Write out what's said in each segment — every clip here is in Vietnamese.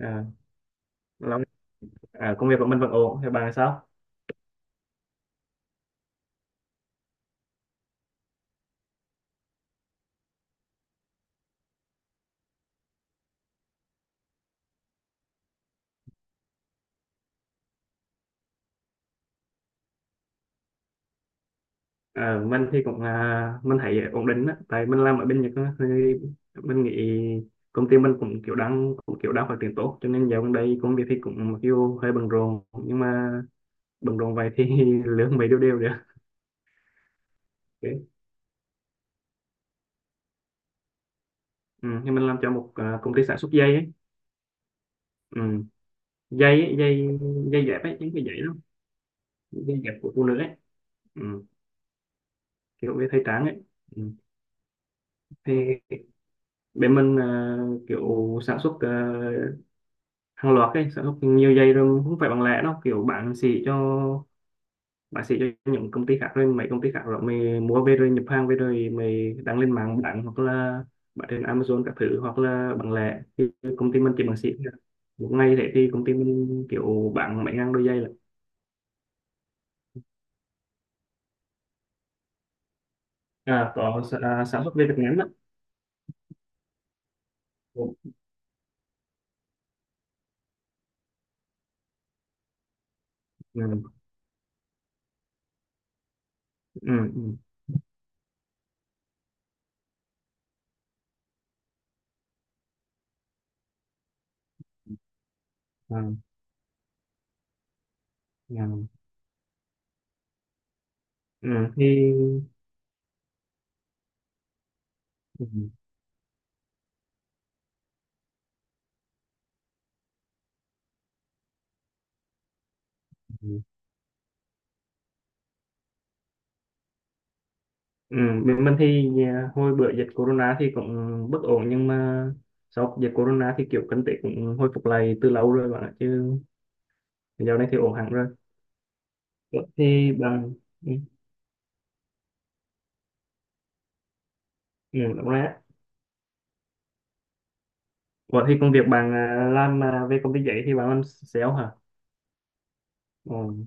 à, Long à, công việc của mình vẫn ổn, thì bà sao? Mình thì cũng mình thấy ổn định á, tại mình làm ở bên Nhật á, thì mình nghĩ công ty mình cũng kiểu đang phát triển tốt, cho nên dạo gần đây công việc thì cũng mặc dù hơi bận rộn, nhưng mà bận rộn vậy thì lương mấy đều đều được. Okay. Ừ, thì mình làm cho một công ty sản xuất dây ấy. Ừ, dây ấy, dây dây dẹp ấy, những cái dây đó, dây dẹp của phụ nữ ấy. Ừ, kiểu về thời trang ấy. Ừ. Thì bên mình kiểu sản xuất hàng loạt ấy, sẽ học nhiều giây rồi, không phải bằng lẻ đâu, kiểu bạn xỉ cho bạn xỉ cho những công ty khác, rồi mấy công ty khác rồi mày mua về rồi nhập hàng về rồi mày đăng lên mạng bạn, hoặc là bạn trên Amazon các thứ, hoặc là bằng lẻ thì công ty mình chỉ bằng xỉ thôi. Một ngày thế thì công ty mình kiểu bạn mấy ngàn đôi giày là. Có. Sản xuất về Việt Nam đó. Ừ. Ừ. Ừ. Ừ. À. Ừ. Ừ. Thì. Ừ. Ừ, bên mình thì hồi bữa dịch corona thì cũng bất ổn, nhưng mà sau dịch corona thì kiểu kinh tế cũng hồi phục lại từ lâu rồi bạn ạ, chứ dạo này thì ổn hẳn rồi. Vậy thì bạn. Ừ, ừ, đúng rồi á. Vậy thì công việc bạn làm về công ty giấy thì bạn làm sale hả? Ừ.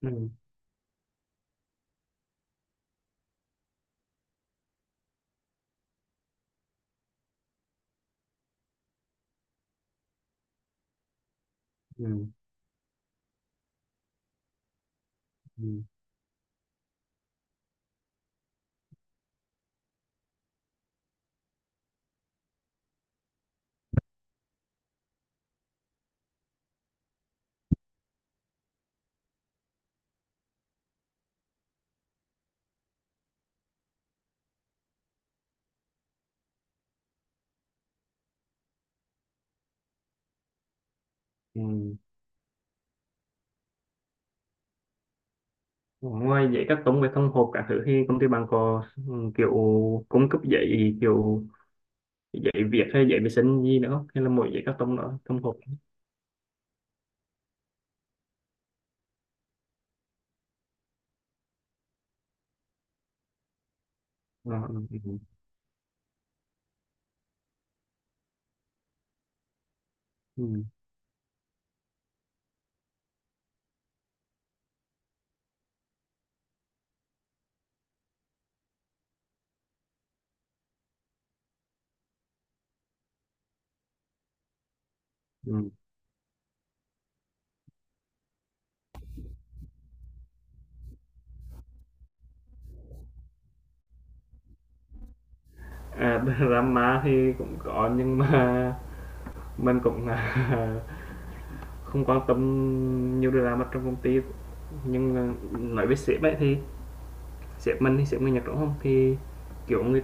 Ừ. Ừ. Ừ. Ừ. Ngoài giấy các tông về thông hộp cả thứ thì công ty bạn có kiểu cung cấp giấy kiểu giấy viết hay giấy vệ sinh gì nữa không, hay là mỗi giấy các tông đó thông hộp? Ờ. Ừ. Ừ. Ừ. Ừ. À, drama thì cũng có, nhưng mà mình cũng, không quan tâm nhiều drama trong công ty. Nhưng mà nói về sếp ấy thì sếp mình thì sếp người Nhật, đúng không? Thì kiểu người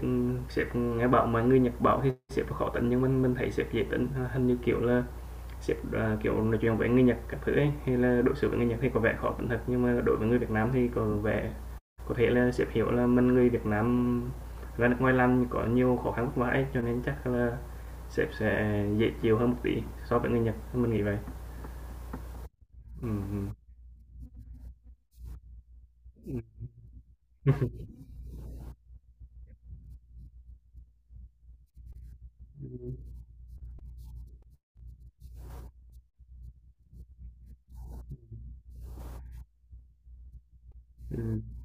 sếp nghe bảo mà người Nhật bảo thì sếp khó tính, nhưng mình thấy sếp dễ tính, hình như kiểu là sếp, kiểu nói chuyện với người Nhật các thứ ấy, hay là đối xử với người Nhật thì có vẻ khó tính thật, nhưng mà đối với người Việt Nam thì có vẻ có thể là sếp hiểu là mình người Việt Nam ra nước ngoài làm có nhiều khó khăn vất vả, cho nên chắc là sếp sẽ dễ chịu hơn một tí so với người Nhật, mình nghĩ vậy. Ừm, ừm. Ừm. Ừm.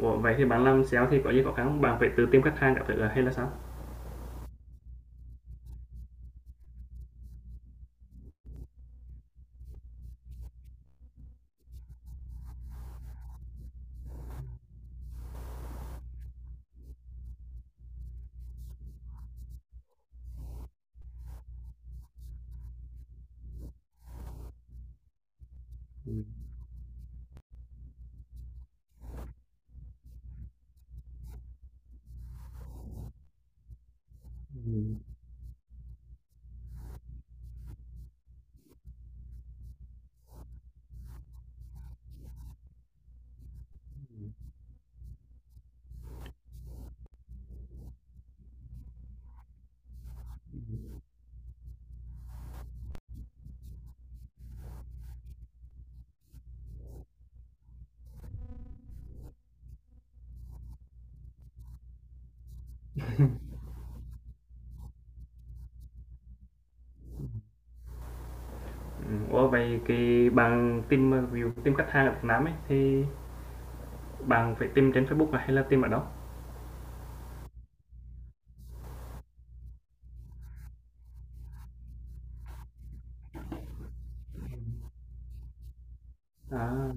Ủa, vậy thì bạn làm sale thì có gì khó khăn không? Bạn phải tự tìm khách hàng các thứ à, hay là sao? Ừm, ừm, ừm. Ủa, vậy cái bạn tìm, ví dụ tìm khách hàng ở Việt Nam ấy, thì bạn phải tìm trên Facebook à, hay là tìm ở đâu? À.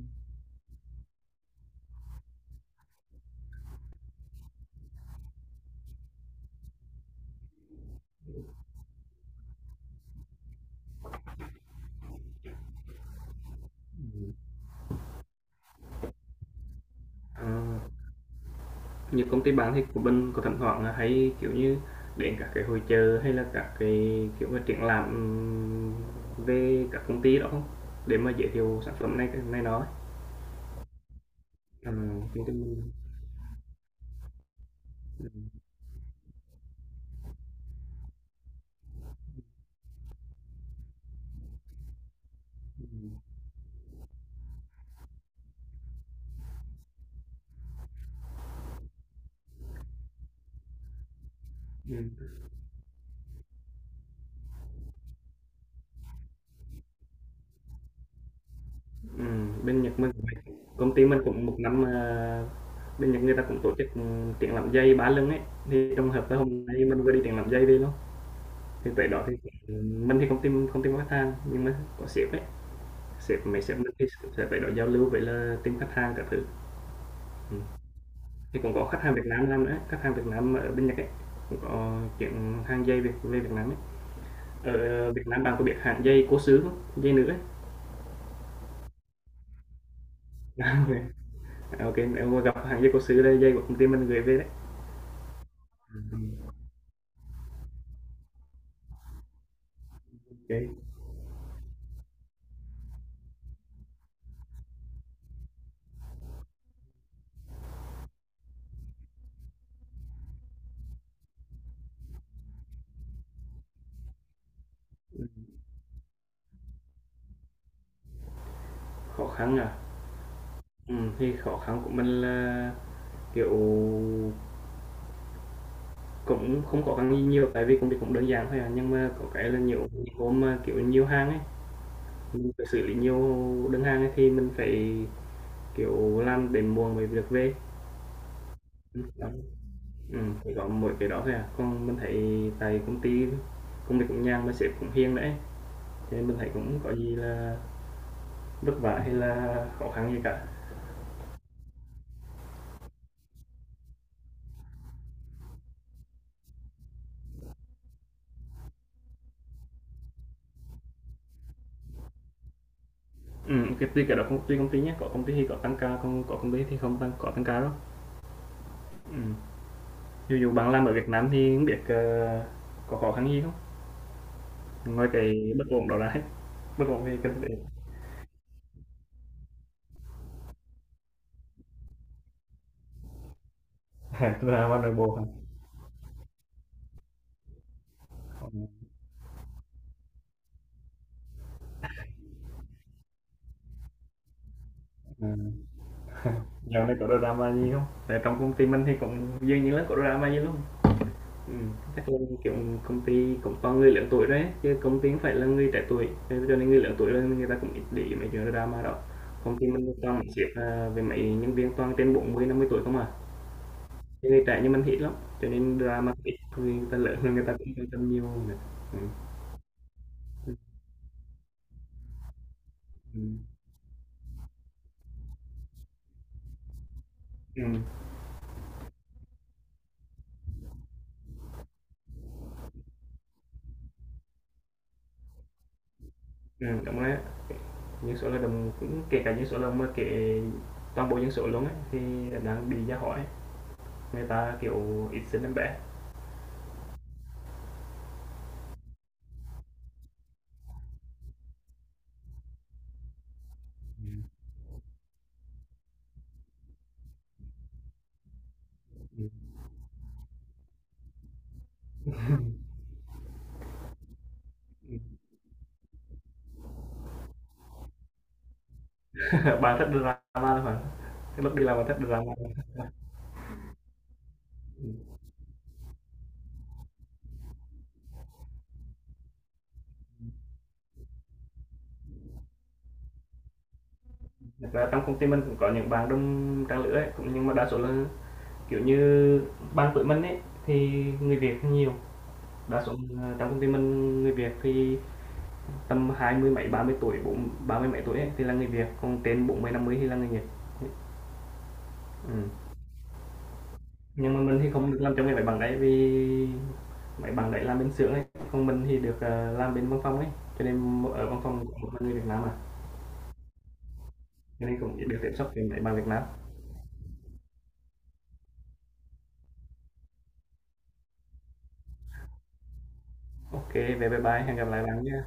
Ừm. À. Như công ty bán thì của mình có thỉnh thoảng hay kiểu như đến các cái hội chợ hay là các cái kiểu mà triển lãm về các công ty đó không, để mà giới thiệu sản phẩm này này đó? à, Công ty mình. Ừ. Ừ. Ừ. Ừ. Bên Nhật mình cũng vậy. Công ty mình cũng một năm bên Nhật người ta cũng tổ chức triển lãm dây ba lưng ấy. Thì trong hợp tới hôm nay mình vừa đi triển lãm dây về luôn. Thì tới đó thì ừ, mình thì không tìm khách hàng, nhưng mà có sếp ấy. Mấy sếp mình thì sẽ phải đó giao lưu với là team khách hàng các thứ. Ừm, thì cũng có khách hàng Việt Nam làm nữa, khách hàng Việt Nam ở bên Nhật ấy, cũng có chuyện hàng dây Việt về Việt Nam ấy. Ở Việt Nam bạn có biết hãng dây cố xứ không? Giày nữ ấy. À vậy, nếu mà gặp hàng dây cố xứ đây, dây của công ty mình gửi về đấy. Ừm, ô kê. Khó khăn à? Thì khó khăn của mình là kiểu cũng không có khăn gì nhiều, tại vì công việc cũng đơn giản thôi à, nhưng mà có cái là nhiều những hôm mà kiểu nhiều hàng ấy, mình phải xử lý nhiều đơn hàng ấy thì mình phải kiểu làm đến muộn mới được về. Đó, chỉ có mỗi cái đó thôi à, còn mình thấy tại công ty công việc cũng nhàn mà sếp cũng hiền đấy, cho nên mình thấy cũng có gì là vất vả hay là khó khăn gì cả. Cái tùy cái đó, tùy công ty nhé, có công ty thì có tăng ca, còn có công ty thì không tăng có tăng ca đâu. Ừm, dù dụ bạn làm ở Việt Nam thì không biết, có khó khăn gì không? Ngoài cái bất ổn đó ra ấy, bất ổn về kinh tế. Là drama nội bộ hả? Ừm. À. Dạo này có drama gì không? Tại trong công ty mình thì cũng dường như là có drama nhiều lắm. Chắc là kiểu công ty cũng toàn người lớn tuổi đấy, chứ công ty không phải là người trẻ tuổi, nên cho nên người lớn tuổi rồi người ta cũng ít để ý mấy chuyện drama đó. Công ty mình thì toàn mấy sếp, với mấy nhân viên toàn trên 40 50 tuổi không à, chứ người trẻ như mình thì ít lắm, cho nên drama ít thôi, người ta lớn rồi người ta cũng quan tâm nhiều nữa. Ừm, ừm, ừm, đúng đấy. Những số lao động cũng kể cả những số lao động mà kể toàn bộ những số luôn ấy thì đang bị ra hỏi. Người ta kiểu ít sinh em bé. Bạn thích drama luôn hả? Cái lúc đi làm bạn thích drama? Thật ra trong công ty mình cũng có những bạn đông trang lứa ấy cũng, nhưng mà đa số là kiểu như ban tuổi mình ấy thì người Việt thì nhiều. Đa số là trong công ty mình, người Việt thì tầm hai mươi mấy, 30 tuổi, bốn, 30 mấy tuổi ấy, thì là người Việt, còn trên 40 50 thì là người Nhật. Ừ. Nhưng mà mình thì không được làm trong cái máy bằng đấy, vì máy bằng đấy làm bên xưởng ấy, còn mình thì được, làm bên văn phòng ấy, cho nên ở văn phòng có một mình người Việt Nam mà. Cho nên cũng chỉ được tiếp xúc với mấy bằng Việt Nam. Ok, kê, bye bye, hẹn gặp lại bạn nhá.